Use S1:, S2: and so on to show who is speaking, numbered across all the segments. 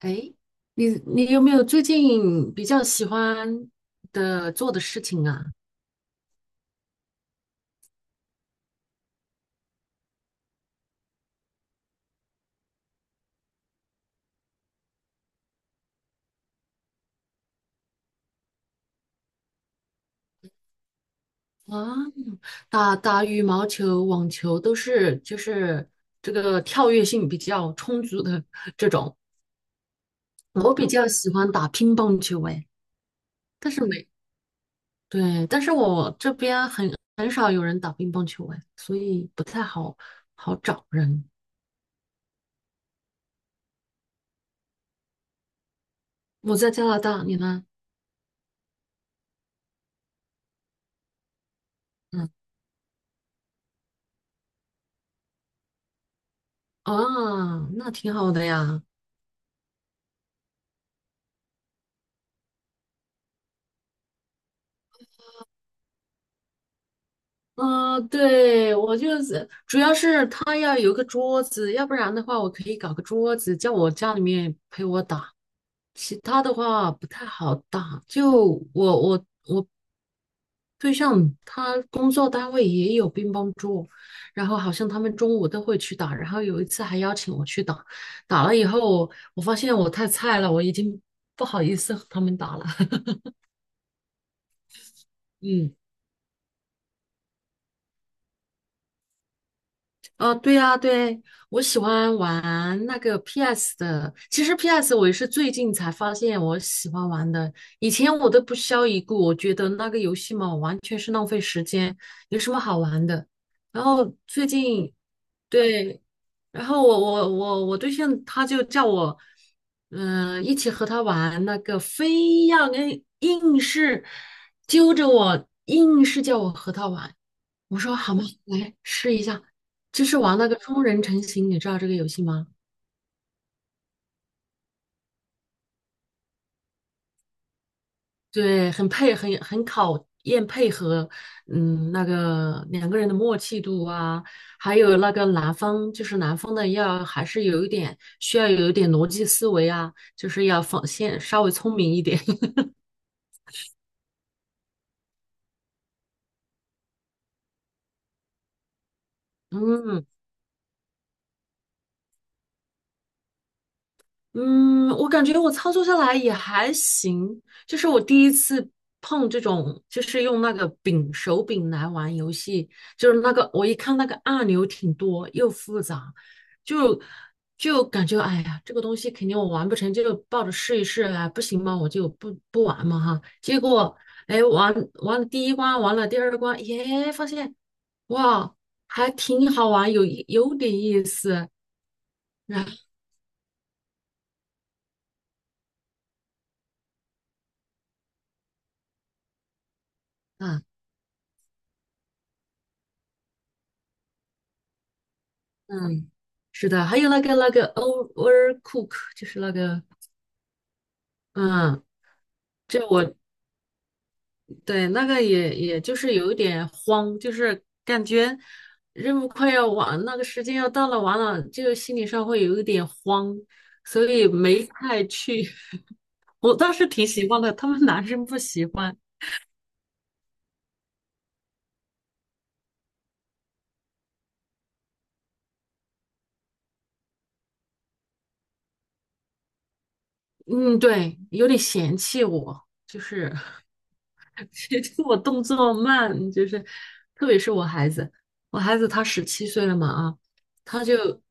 S1: 哎，你有没有最近比较喜欢的做的事情啊？啊，打打羽毛球、网球都是就是这个跳跃性比较充足的这种。我比较喜欢打乒乓球，哎，但是没，对，但是我这边很少有人打乒乓球，哎，所以不太好找人。我在加拿大，你呢？嗯，啊，那挺好的呀。嗯，对，我就是主要是他要有个桌子，要不然的话，我可以搞个桌子，叫我家里面陪我打。其他的话不太好打，就我对象他工作单位也有乒乓桌，然后好像他们中午都会去打，然后有一次还邀请我去打，打了以后我发现我太菜了，我已经不好意思和他们打了，嗯。哦，对呀，对，我喜欢玩那个 PS 的。其实 PS 我也是最近才发现我喜欢玩的，以前我都不屑一顾，我觉得那个游戏嘛，完全是浪费时间，有什么好玩的？然后最近，对，然后我对象他就叫我，一起和他玩那个，非要跟硬是揪着我，硬是叫我和他玩。我说好吗？来试一下，就是玩那个双人成型，你知道这个游戏吗？对，很配，很考验配合，嗯，那个两个人的默契度啊，还有那个男方，就是男方的要还是有一点需要有一点逻辑思维啊，就是要放先稍微聪明一点，嗯。嗯，我感觉我操作下来也还行，就是我第一次碰这种，就是用那个柄手柄来玩游戏，就是那个我一看那个按钮挺多又复杂，就就感觉哎呀，这个东西肯定我玩不成，就抱着试一试啊，不行嘛，我就不玩嘛哈。结果哎，玩了第一关，玩了第二关，耶，发现哇，还挺好玩，有点意思，然后啊。嗯，是的，还有那个那个 overcook，就是那个，嗯，这我对那个也就是有一点慌，就是感觉任务快要完，那个时间要到了，完了就心理上会有一点慌，所以没太去。我倒是挺喜欢的，他们男生不喜欢，嗯，对，有点嫌弃我，就是。其实 我动作慢，就是特别是我孩子，我孩子他十七岁了嘛啊，他就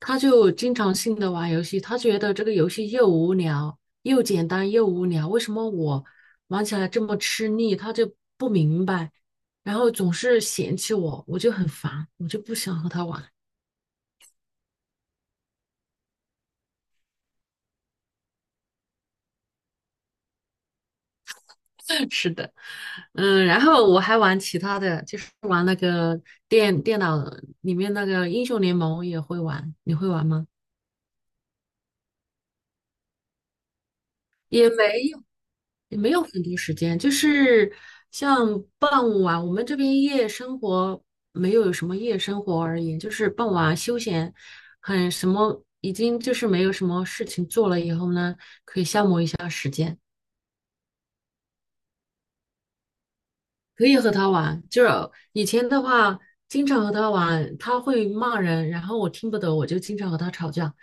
S1: 他就经常性的玩游戏，他觉得这个游戏又无聊又简单又无聊，为什么我玩起来这么吃力？他就不明白，然后总是嫌弃我，我就很烦，我就不想和他玩。是的，然后我还玩其他的，就是玩那个电脑里面那个英雄联盟也会玩，你会玩吗？也没有，也没有很多时间，就是像傍晚，我们这边夜生活没有什么夜生活而言，就是傍晚休闲，很什么，已经就是没有什么事情做了以后呢，可以和他玩。就是以前的话，经常和他玩，他会骂人，然后我听不懂，我就经常和他吵架。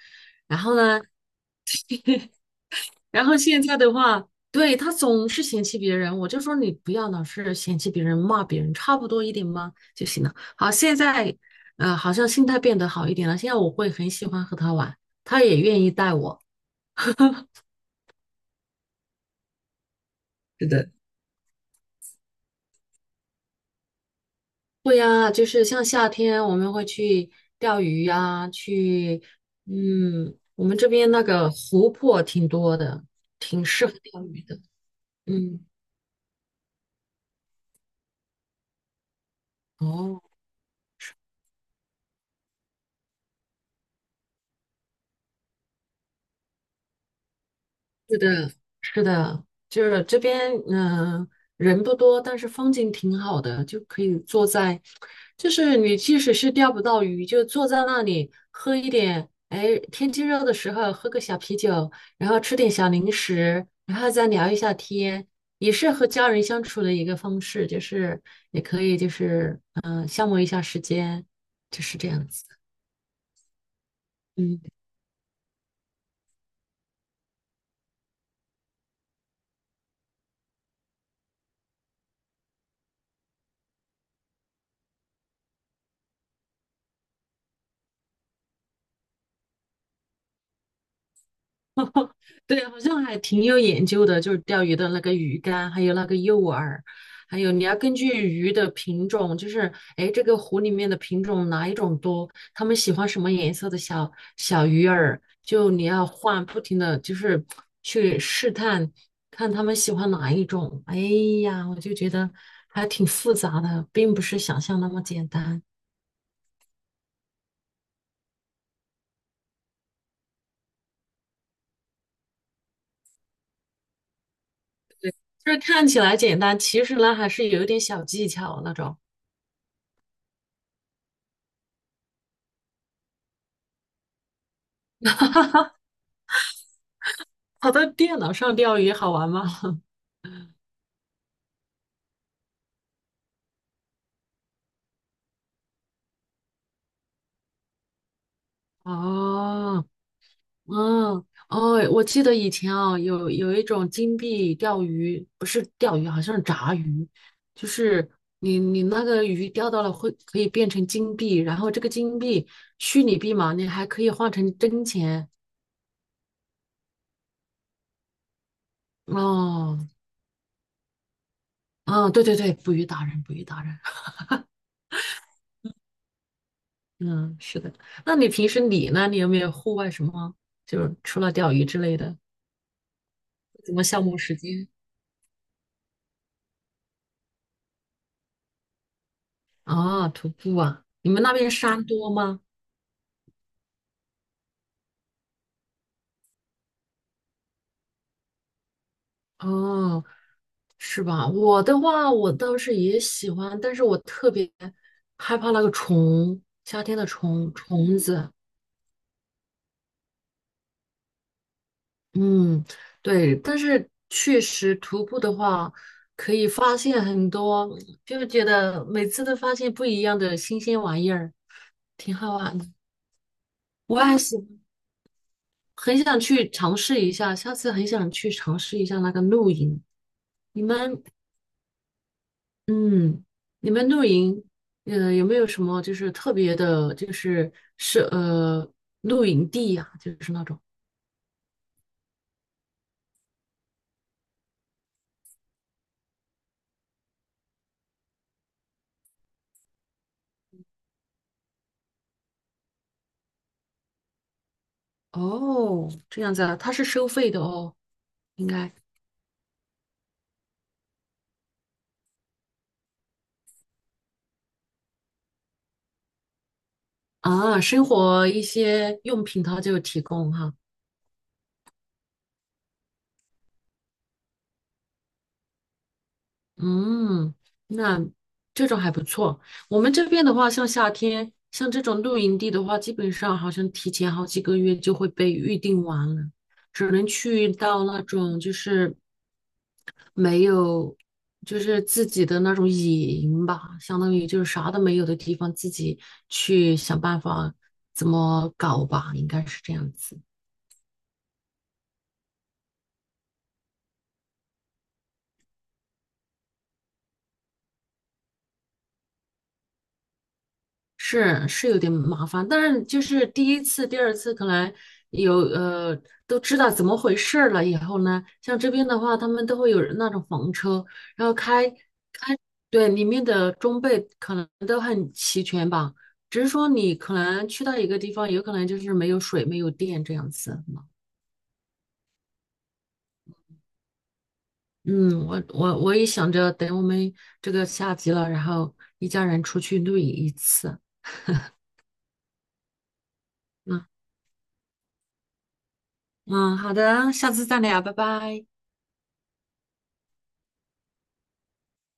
S1: 然后呢，然后现在的话，对，他总是嫌弃别人，我就说你不要老是嫌弃别人、骂别人，差不多一点嘛就行了。好，现在好像心态变得好一点了。现在我会很喜欢和他玩，他也愿意带我。是的，对呀，就是像夏天我们会去钓鱼呀，去，我们这边那个湖泊挺多的，挺适合钓鱼的。嗯，哦。是的，是的，就是这边，人不多，但是风景挺好的，就可以坐在，就是你即使是钓不到鱼，就坐在那里喝一点，哎，天气热的时候喝个小啤酒，然后吃点小零食，然后再聊一下天，也是和家人相处的一个方式，就是也可以就是消磨一下时间，就是这样子，嗯。对，好像还挺有研究的，就是钓鱼的那个鱼竿，还有那个诱饵，还有你要根据鱼的品种，就是哎，诶这个湖里面的品种哪一种多，他们喜欢什么颜色的小小鱼饵，就你要换，不停的就是去试探，看他们喜欢哪一种。哎呀，我就觉得还挺复杂的，并不是想象那么简单。就是看起来简单，其实呢还是有一点小技巧那种。跑到电脑上钓鱼好玩吗？哦，嗯，哦，我记得以前啊，有一种金币钓鱼，不是钓鱼，好像是炸鱼，就是你那个鱼钓到了会可以变成金币，然后这个金币虚拟币嘛，你还可以换成真钱。哦，啊，对对对，捕鱼达人，捕鱼达人，嗯，是的。那你平时你呢？你有没有户外什么，就是除了钓鱼之类的，什么消磨时间？啊，徒步啊，你们那边山多吗？哦，是吧？我的话，我倒是也喜欢，但是我特别害怕那个虫，夏天的虫子。嗯，对，但是确实徒步的话，可以发现很多，就觉得每次都发现不一样的新鲜玩意儿，挺好玩的。我也喜欢，很想去尝试一下，下次很想去尝试一下那个露营。你们嗯，你们露营，有没有什么就是特别的，就是是露营地呀、就是那种哦，这样子啊，它是收费的哦，应该啊，生活一些用品它就有提供哈，嗯，那这种还不错。我们这边的话，像夏天，像这种露营地的话，基本上好像提前好几个月就会被预定完了，只能去到那种就是。没有，就是自己的那种野营吧，相当于就是啥都没有的地方，自己去想办法怎么搞吧，应该是这样子。是是有点麻烦，但是就是第一次、第二次可能有都知道怎么回事儿了以后呢，像这边的话，他们都会有那种房车，然后开，对，里面的装备可能都很齐全吧，只是说你可能去到一个地方，有可能就是没有水、没有电这样子嘛嗯，我也想着等我们这个下集了，然后一家人出去露营一次。嗯嗯，好的，下次再聊，拜拜。